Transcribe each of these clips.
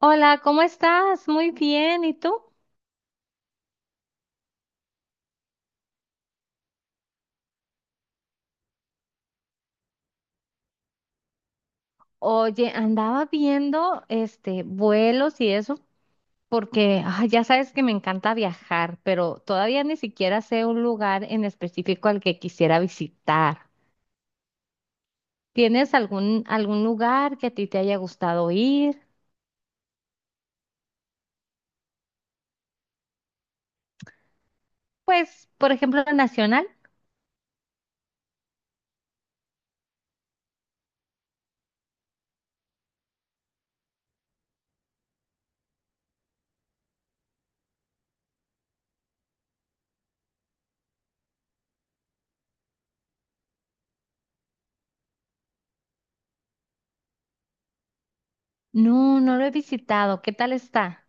Hola, ¿cómo estás? Muy bien, ¿y tú? Oye, andaba viendo vuelos y eso, porque ya sabes que me encanta viajar, pero todavía ni siquiera sé un lugar en específico al que quisiera visitar. ¿Tienes algún lugar que a ti te haya gustado ir? Pues, por ejemplo, la Nacional. No, no lo he visitado. ¿Qué tal está?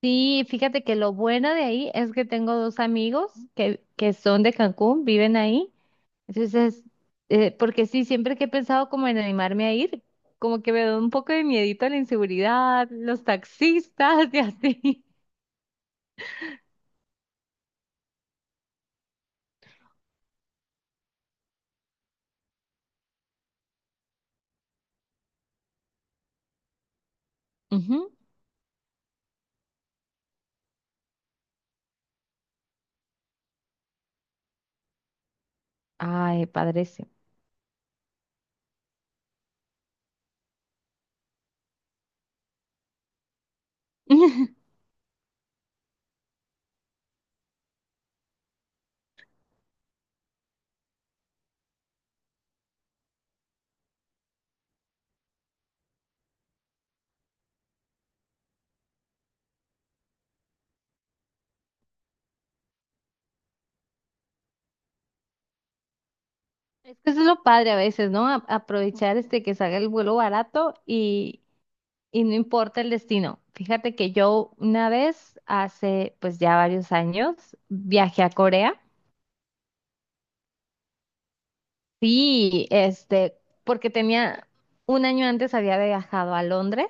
Sí, fíjate que lo bueno de ahí es que tengo dos amigos que son de Cancún, viven ahí. Entonces, porque sí, siempre que he pensado como en animarme a ir, como que me da un poco de miedito a la inseguridad, los taxistas y así. Ujú. Ay, padrísimo. Es que eso es lo padre a veces, ¿no? Aprovechar este que salga el vuelo barato y no importa el destino. Fíjate que yo una vez, hace pues ya varios años, viajé a Corea. Sí, porque tenía un año antes había viajado a Londres.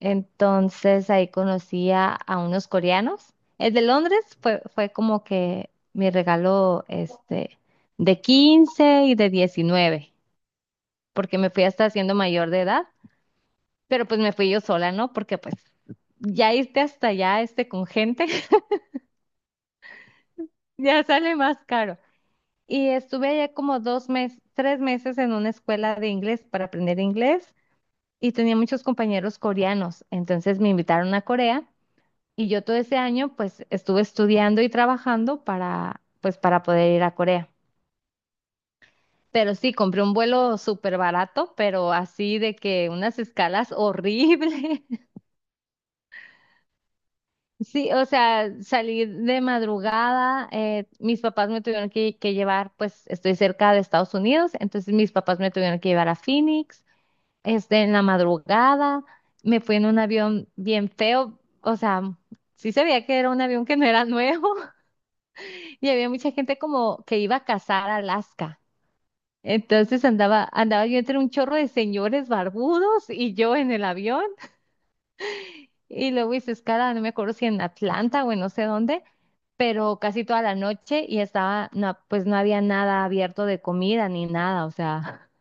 Entonces ahí conocía a unos coreanos. El de Londres fue como que mi regalo de 15 y de 19, porque me fui hasta siendo mayor de edad, pero pues me fui yo sola, ¿no? Porque pues ya irte hasta allá con gente ya sale más caro. Y estuve allá como 2 meses, 3 meses en una escuela de inglés para aprender inglés y tenía muchos compañeros coreanos, entonces me invitaron a Corea. Y yo todo ese año pues estuve estudiando y trabajando para poder ir a Corea. Pero sí, compré un vuelo súper barato, pero así de que unas escalas horribles. Sí, o sea, salí de madrugada, mis papás me tuvieron que llevar, pues estoy cerca de Estados Unidos, entonces mis papás me tuvieron que llevar a Phoenix, en la madrugada, me fui en un avión bien feo, o sea, sí se veía que era un avión que no era nuevo. Y había mucha gente como que iba a cazar a Alaska. Entonces andaba yo entre un chorro de señores barbudos y yo en el avión. Y luego hice escala, no me acuerdo si en Atlanta o en no sé dónde, pero casi toda la noche y estaba, no, pues no había nada abierto de comida ni nada, o sea.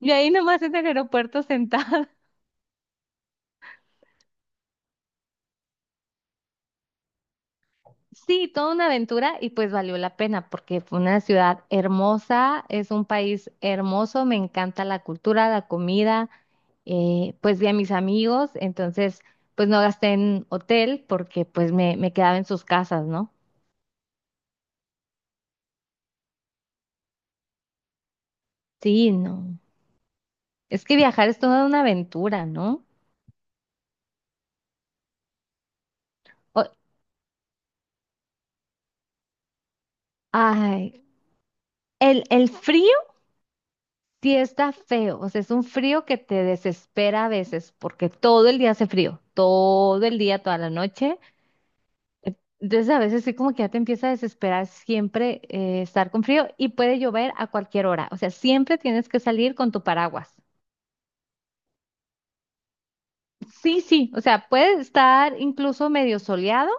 Y ahí nomás en el aeropuerto sentada. Sí, toda una aventura y pues valió la pena porque fue una ciudad hermosa, es un país hermoso, me encanta la cultura, la comida. Pues de a mis amigos, entonces pues no gasté en hotel porque pues me quedaba en sus casas, ¿no? Sí, no. Es que viajar es toda una aventura, ¿no? O- ay, el frío sí está feo, o sea, es un frío que te desespera a veces porque todo el día hace frío, todo el día, toda la noche. Entonces a veces sí como que ya te empieza a desesperar siempre estar con frío y puede llover a cualquier hora. O sea, siempre tienes que salir con tu paraguas. Sí, sí, o sea, puede estar incluso medio soleado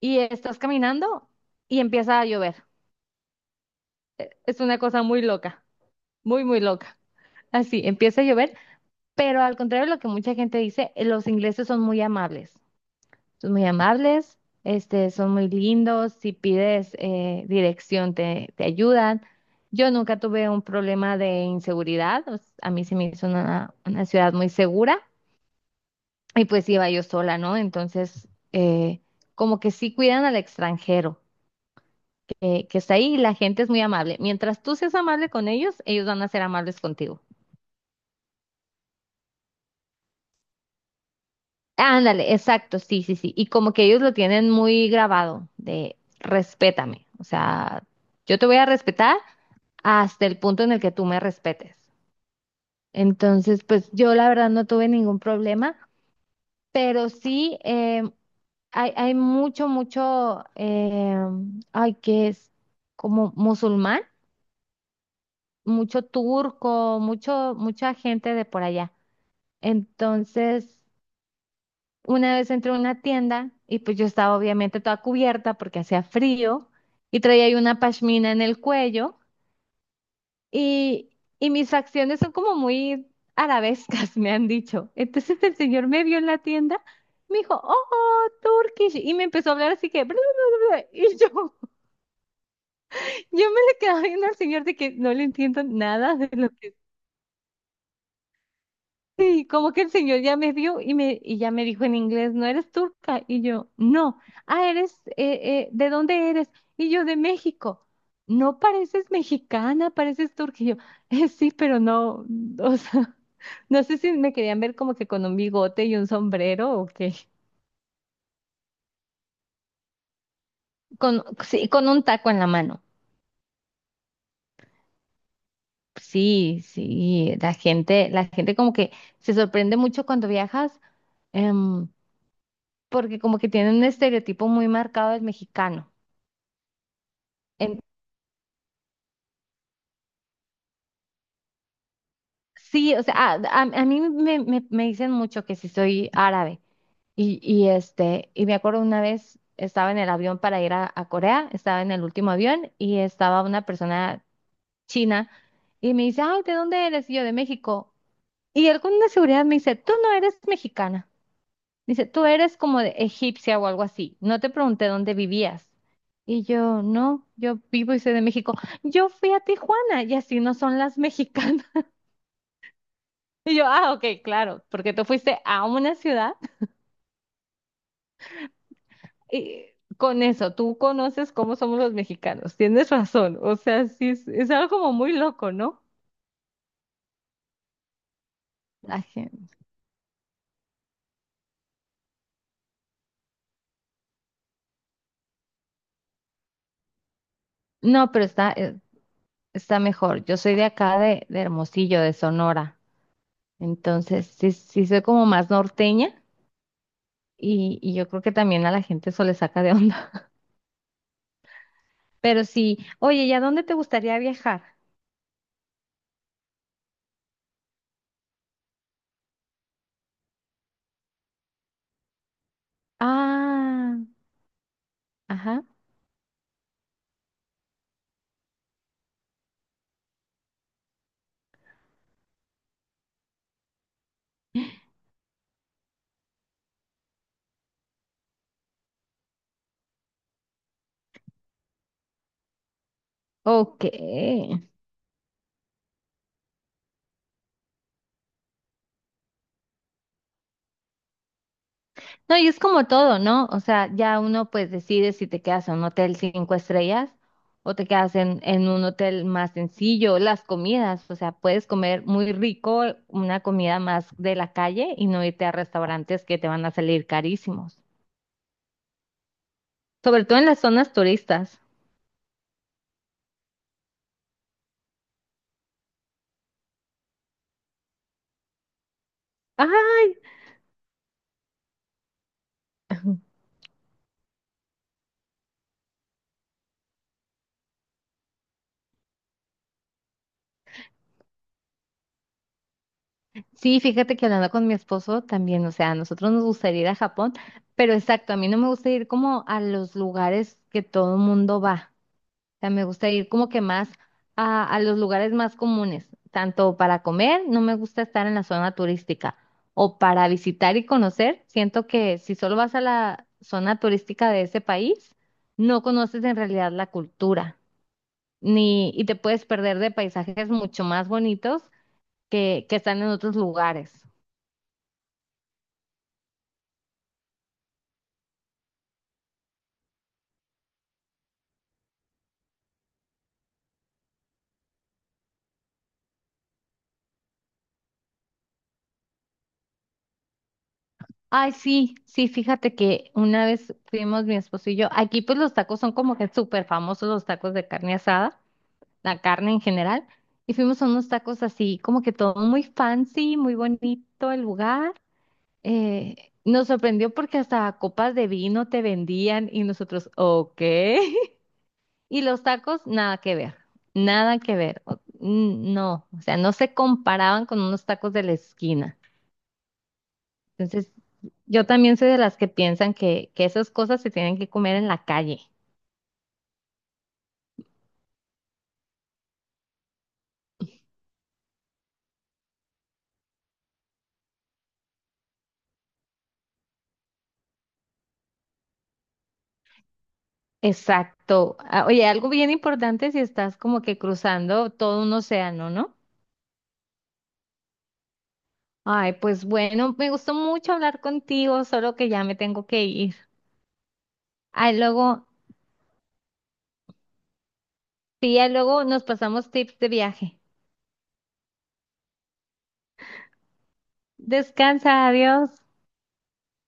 y estás caminando y empieza a llover. Es una cosa muy loca, muy, muy loca. Así, empieza a llover, pero al contrario de lo que mucha gente dice, los ingleses son muy amables, este, son muy lindos, si pides dirección te ayudan. Yo nunca tuve un problema de inseguridad, a mí se me hizo una ciudad muy segura. Y pues iba yo sola, ¿no? Entonces, eh, como que sí cuidan al extranjero que está ahí y la gente es muy amable. Mientras tú seas amable con ellos, ellos van a ser amables contigo. Ándale, exacto, sí, sí, sí. Y como que ellos lo tienen muy grabado de respétame. O sea, yo te voy a respetar hasta el punto en el que tú me respetes. Entonces, pues yo la verdad no tuve ningún problema. Pero sí hay mucho, mucho, ay, que es como musulmán, mucho turco, mucho, mucha gente de por allá. Entonces, una vez entré a una tienda y pues yo estaba obviamente toda cubierta porque hacía frío y traía ahí una pashmina en el cuello. Y, y mis acciones son como muy arabescas, me han dicho. Entonces el señor me vio en la tienda, me dijo, oh, oh, Turkish, y me empezó a hablar así que, y yo me le quedaba viendo al señor de que no le entiendo nada de lo que. Sí, como que el señor ya me vio y me y ya me dijo en inglés, ¿no eres turca? Y yo, no. Ah, ¿de dónde eres? Y yo, de México. No pareces mexicana, pareces turca. Y yo, " sí, pero no, o sea, no sé si me querían ver como que con un bigote y un sombrero o qué. Sí, con un taco en la mano. Sí, sí, la gente como que se sorprende mucho cuando viajas, em, porque como que tienen un estereotipo muy marcado del mexicano. Sí, o sea, a mí me dicen mucho que si soy árabe. Y me acuerdo una vez estaba en el avión para ir a Corea, estaba en el último avión y estaba una persona china y me dice, ay, ¿de dónde eres? Y yo, de México. Y él con una seguridad me dice, tú no eres mexicana. Dice, tú eres como de egipcia o algo así. No te pregunté dónde vivías. Y yo, no, yo vivo y soy de México. Yo fui a Tijuana y así no son las mexicanas. Y yo, ah, ok, claro, porque tú fuiste a una ciudad y con eso, tú conoces cómo somos los mexicanos, tienes razón, o sea, sí, es algo como muy loco, ¿no? La gente. No, pero está mejor, yo soy de acá, de Hermosillo, de Sonora, entonces sí, sí soy como más norteña y yo creo que también a la gente eso le saca de onda, pero sí, oye, ¿y a dónde te gustaría viajar? Ah, ajá, ok. No, y es como todo, ¿no? O sea, ya uno pues decide si te quedas en un hotel cinco estrellas o te quedas en un hotel más sencillo, las comidas, o sea, puedes comer muy rico una comida más de la calle y no irte a restaurantes que te van a salir carísimos, sobre todo en las zonas turistas. Ay, sí, fíjate que hablando con mi esposo también, o sea, a nosotros nos gustaría ir a Japón, pero exacto, a mí no me gusta ir como a los lugares que todo el mundo va. Sea, me gusta ir como que más a los lugares más comunes, tanto para comer, no me gusta estar en la zona turística, o para visitar y conocer. Siento que si solo vas a la zona turística de ese país, no conoces en realidad la cultura, ni, y te puedes perder de paisajes mucho más bonitos que están en otros lugares. Ay, sí, sí, fíjate que una vez fuimos mi esposo y yo, aquí pues los tacos son como que súper famosos los tacos de carne asada. La carne en general, y fuimos a unos tacos así, como que todo muy fancy, muy bonito el lugar. Nos sorprendió porque hasta copas de vino te vendían y nosotros, ok. Y los tacos, nada que ver, nada que ver. No, o sea, no se comparaban con unos tacos de la esquina. Entonces, yo también soy de las que piensan que esas cosas se tienen que comer en la calle. Exacto. Ah, oye, algo bien importante si estás como que cruzando todo un océano, ¿no? Ay, pues bueno, me gustó mucho hablar contigo, solo que ya me tengo que ir. Ay, luego, sí, ya luego nos pasamos tips de viaje. Descansa, adiós.